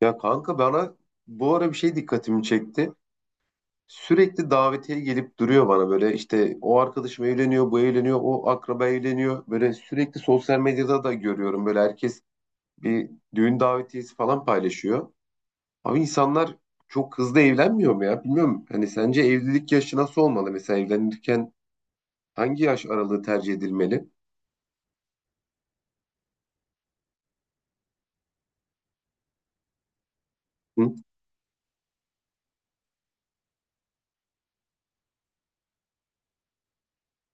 Ya kanka bana bu ara bir şey dikkatimi çekti. Sürekli davetiye gelip duruyor bana böyle işte o arkadaşım evleniyor, bu evleniyor, o akraba evleniyor. Böyle sürekli sosyal medyada da görüyorum böyle herkes bir düğün davetiyesi falan paylaşıyor. Abi insanlar çok hızlı evlenmiyor mu ya? Bilmiyorum. Hani sence evlilik yaşı nasıl olmalı? Mesela evlenirken hangi yaş aralığı tercih edilmeli? Hı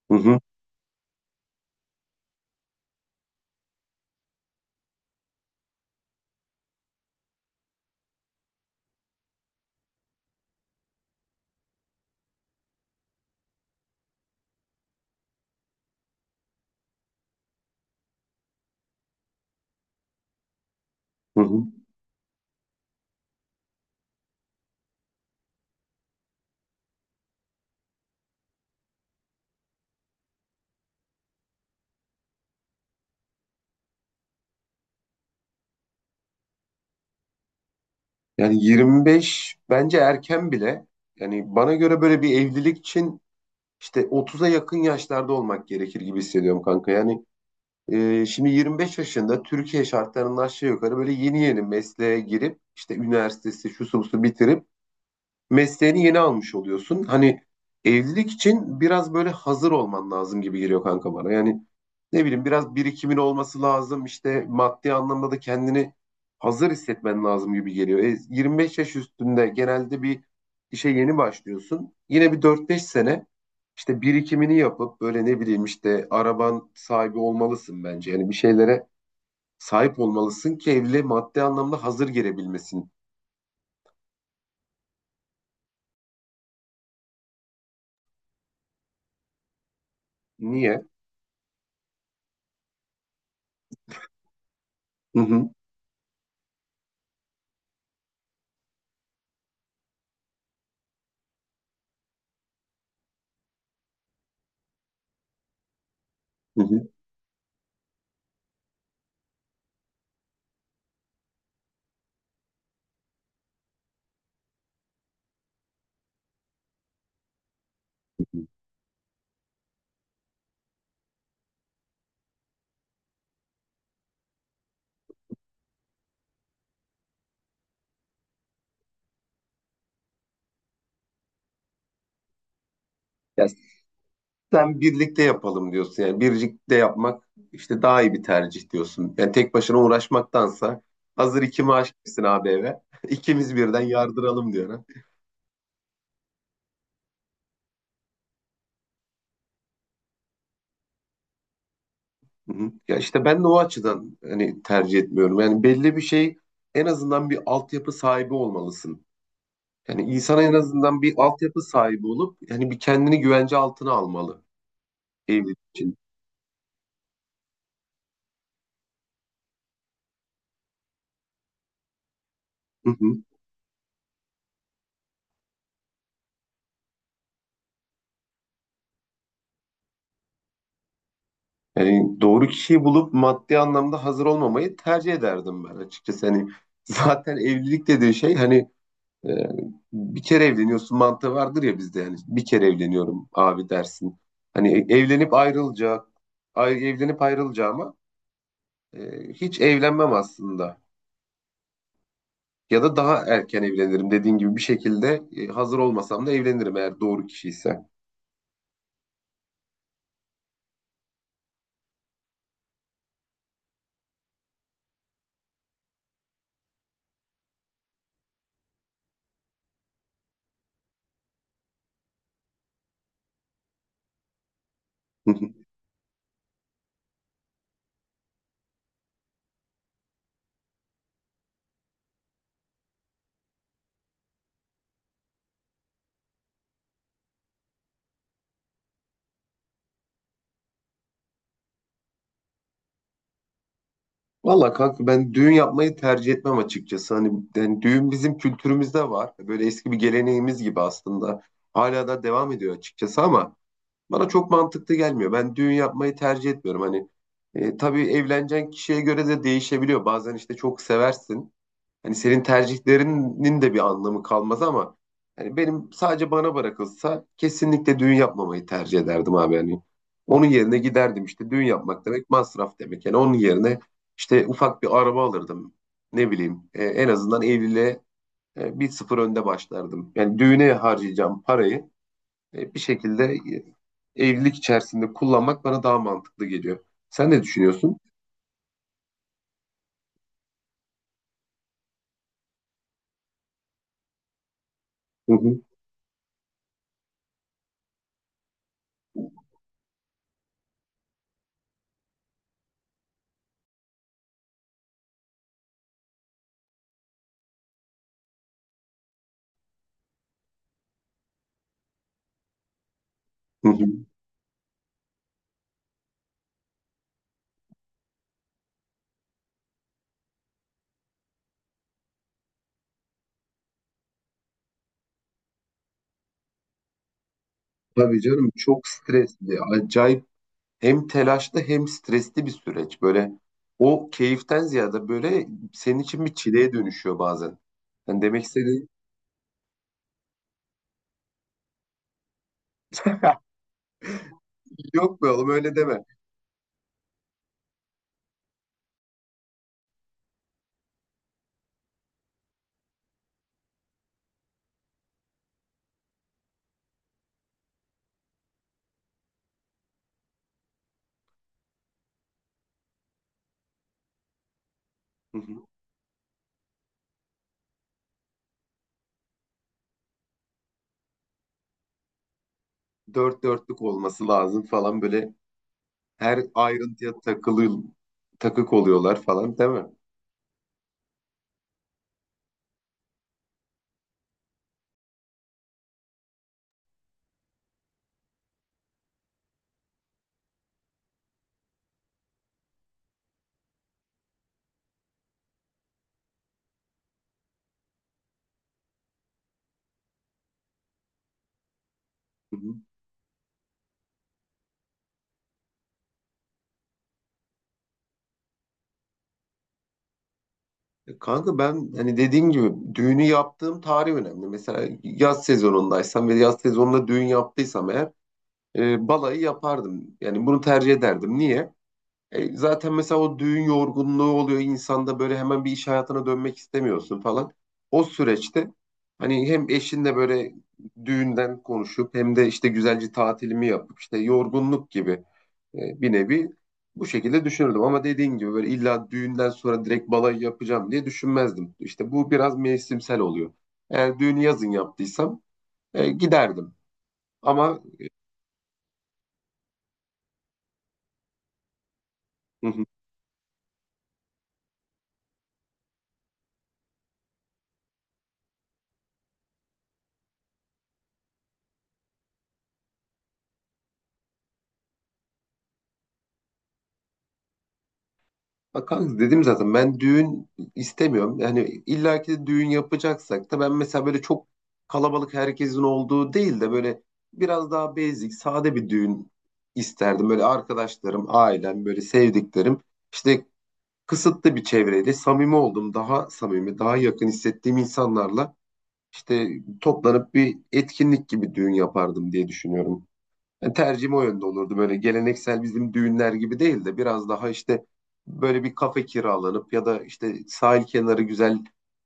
hı hı. Hı. Yani 25 bence erken bile. Yani bana göre böyle bir evlilik için İşte 30'a yakın yaşlarda olmak gerekir gibi hissediyorum kanka. Yani şimdi 25 yaşında Türkiye şartlarının aşağı yukarı böyle yeni yeni mesleğe girip işte üniversitesi şusu busu bitirip mesleğini yeni almış oluyorsun. Hani evlilik için biraz böyle hazır olman lazım gibi geliyor kanka bana. Yani ne bileyim biraz birikimin olması lazım. İşte maddi anlamda da kendini hazır hissetmen lazım gibi geliyor. 25 yaş üstünde genelde bir işe yeni başlıyorsun. Yine bir 4-5 sene işte birikimini yapıp böyle ne bileyim işte araban sahibi olmalısın bence. Yani bir şeylere sahip olmalısın ki evliliğe maddi anlamda hazır girebilmesin. Niye? Hı hı. Hı hı. Ya, sen birlikte yapalım diyorsun. Yani birlikte yapmak işte daha iyi bir tercih diyorsun. Yani tek başına uğraşmaktansa hazır iki maaş gitsin abi eve. İkimiz birden yardıralım diyor, ha. Hı hı. Ya işte ben de o açıdan hani tercih etmiyorum. Yani belli bir şey, en azından bir altyapı sahibi olmalısın. Yani insan en azından bir altyapı sahibi olup yani bir kendini güvence altına almalı evlilik için. Hı hı. Yani doğru kişiyi bulup maddi anlamda hazır olmamayı tercih ederdim ben açıkçası. Hani zaten evlilik dediği şey hani e, bir kere evleniyorsun mantığı vardır ya bizde, yani bir kere evleniyorum abi dersin. Hani evlenip ayrılacak, evlenip ayrılacağıma hiç evlenmem aslında. Ya da daha erken evlenirim dediğin gibi, bir şekilde hazır olmasam da evlenirim eğer doğru kişi ise. Valla kanka ben düğün yapmayı tercih etmem açıkçası. Hani yani düğün bizim kültürümüzde var. Böyle eski bir geleneğimiz gibi aslında. Hala da devam ediyor açıkçası ama bana çok mantıklı gelmiyor. Ben düğün yapmayı tercih etmiyorum. Hani tabii evleneceğin kişiye göre de değişebiliyor. Bazen işte çok seversin. Hani senin tercihlerinin de bir anlamı kalmaz ama hani benim sadece bana bırakılsa kesinlikle düğün yapmamayı tercih ederdim abi. Yani onun yerine giderdim, işte düğün yapmak demek masraf demek. Yani onun yerine işte ufak bir araba alırdım. Ne bileyim, en azından evliliğe 1-0 önde başlardım. Yani düğüne harcayacağım parayı bir şekilde evlilik içerisinde kullanmak bana daha mantıklı geliyor. Sen ne düşünüyorsun? Hı hı, hı hı. Tabii canım, çok stresli, acayip hem telaşlı hem stresli bir süreç. Böyle o keyiften ziyade böyle senin için bir çileye dönüşüyor bazen. Yani demek istediğim, yok be oğlum öyle deme. Hı hı. Dört dörtlük olması lazım falan, böyle her ayrıntıya takılı takık oluyorlar falan değil mi? Hı hı. E kanka, ben hani dediğim gibi düğünü yaptığım tarih önemli. Mesela yaz sezonundaysam ve yaz sezonunda düğün yaptıysam eğer balayı yapardım. Yani bunu tercih ederdim. Niye? E, zaten mesela o düğün yorgunluğu oluyor insanda, böyle hemen bir iş hayatına dönmek istemiyorsun falan. O süreçte hani hem eşinle böyle düğünden konuşup hem de işte güzelce tatilimi yapıp işte yorgunluk gibi bir nevi bu şekilde düşünürdüm. Ama dediğin gibi böyle illa düğünden sonra direkt balayı yapacağım diye düşünmezdim. İşte bu biraz mevsimsel oluyor. Eğer düğünü yazın yaptıysam giderdim. Ama bak kanka, dedim zaten ben düğün istemiyorum. Yani illaki de düğün yapacaksak da ben mesela böyle çok kalabalık herkesin olduğu değil de böyle biraz daha basic, sade bir düğün isterdim. Böyle arkadaşlarım, ailem, böyle sevdiklerim. İşte kısıtlı bir çevreyle samimi oldum. Daha samimi, daha yakın hissettiğim insanlarla işte toplanıp bir etkinlik gibi düğün yapardım diye düşünüyorum. Yani tercihim o yönde olurdu. Böyle geleneksel bizim düğünler gibi değil de biraz daha işte böyle bir kafe kiralanıp ya da işte sahil kenarı güzel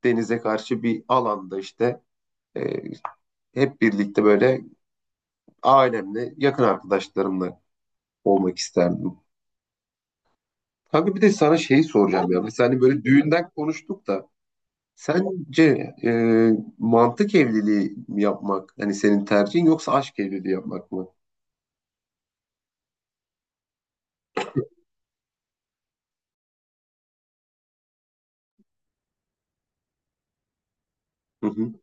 denize karşı bir alanda işte e, hep birlikte böyle ailemle yakın arkadaşlarımla olmak isterdim. Kanka bir de sana şeyi soracağım ya. Mesela hani böyle düğünden konuştuk da sence mantık evliliği mi yapmak hani senin tercihin, yoksa aşk evliliği yapmak mı? Hı hı.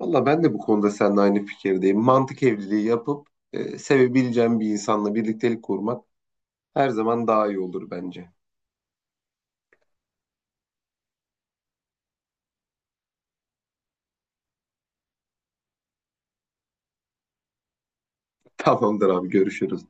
Valla ben de bu konuda seninle aynı fikirdeyim. Mantık evliliği yapıp sevebileceğim bir insanla birliktelik kurmak her zaman daha iyi olur bence. Tamamdır abi, görüşürüz.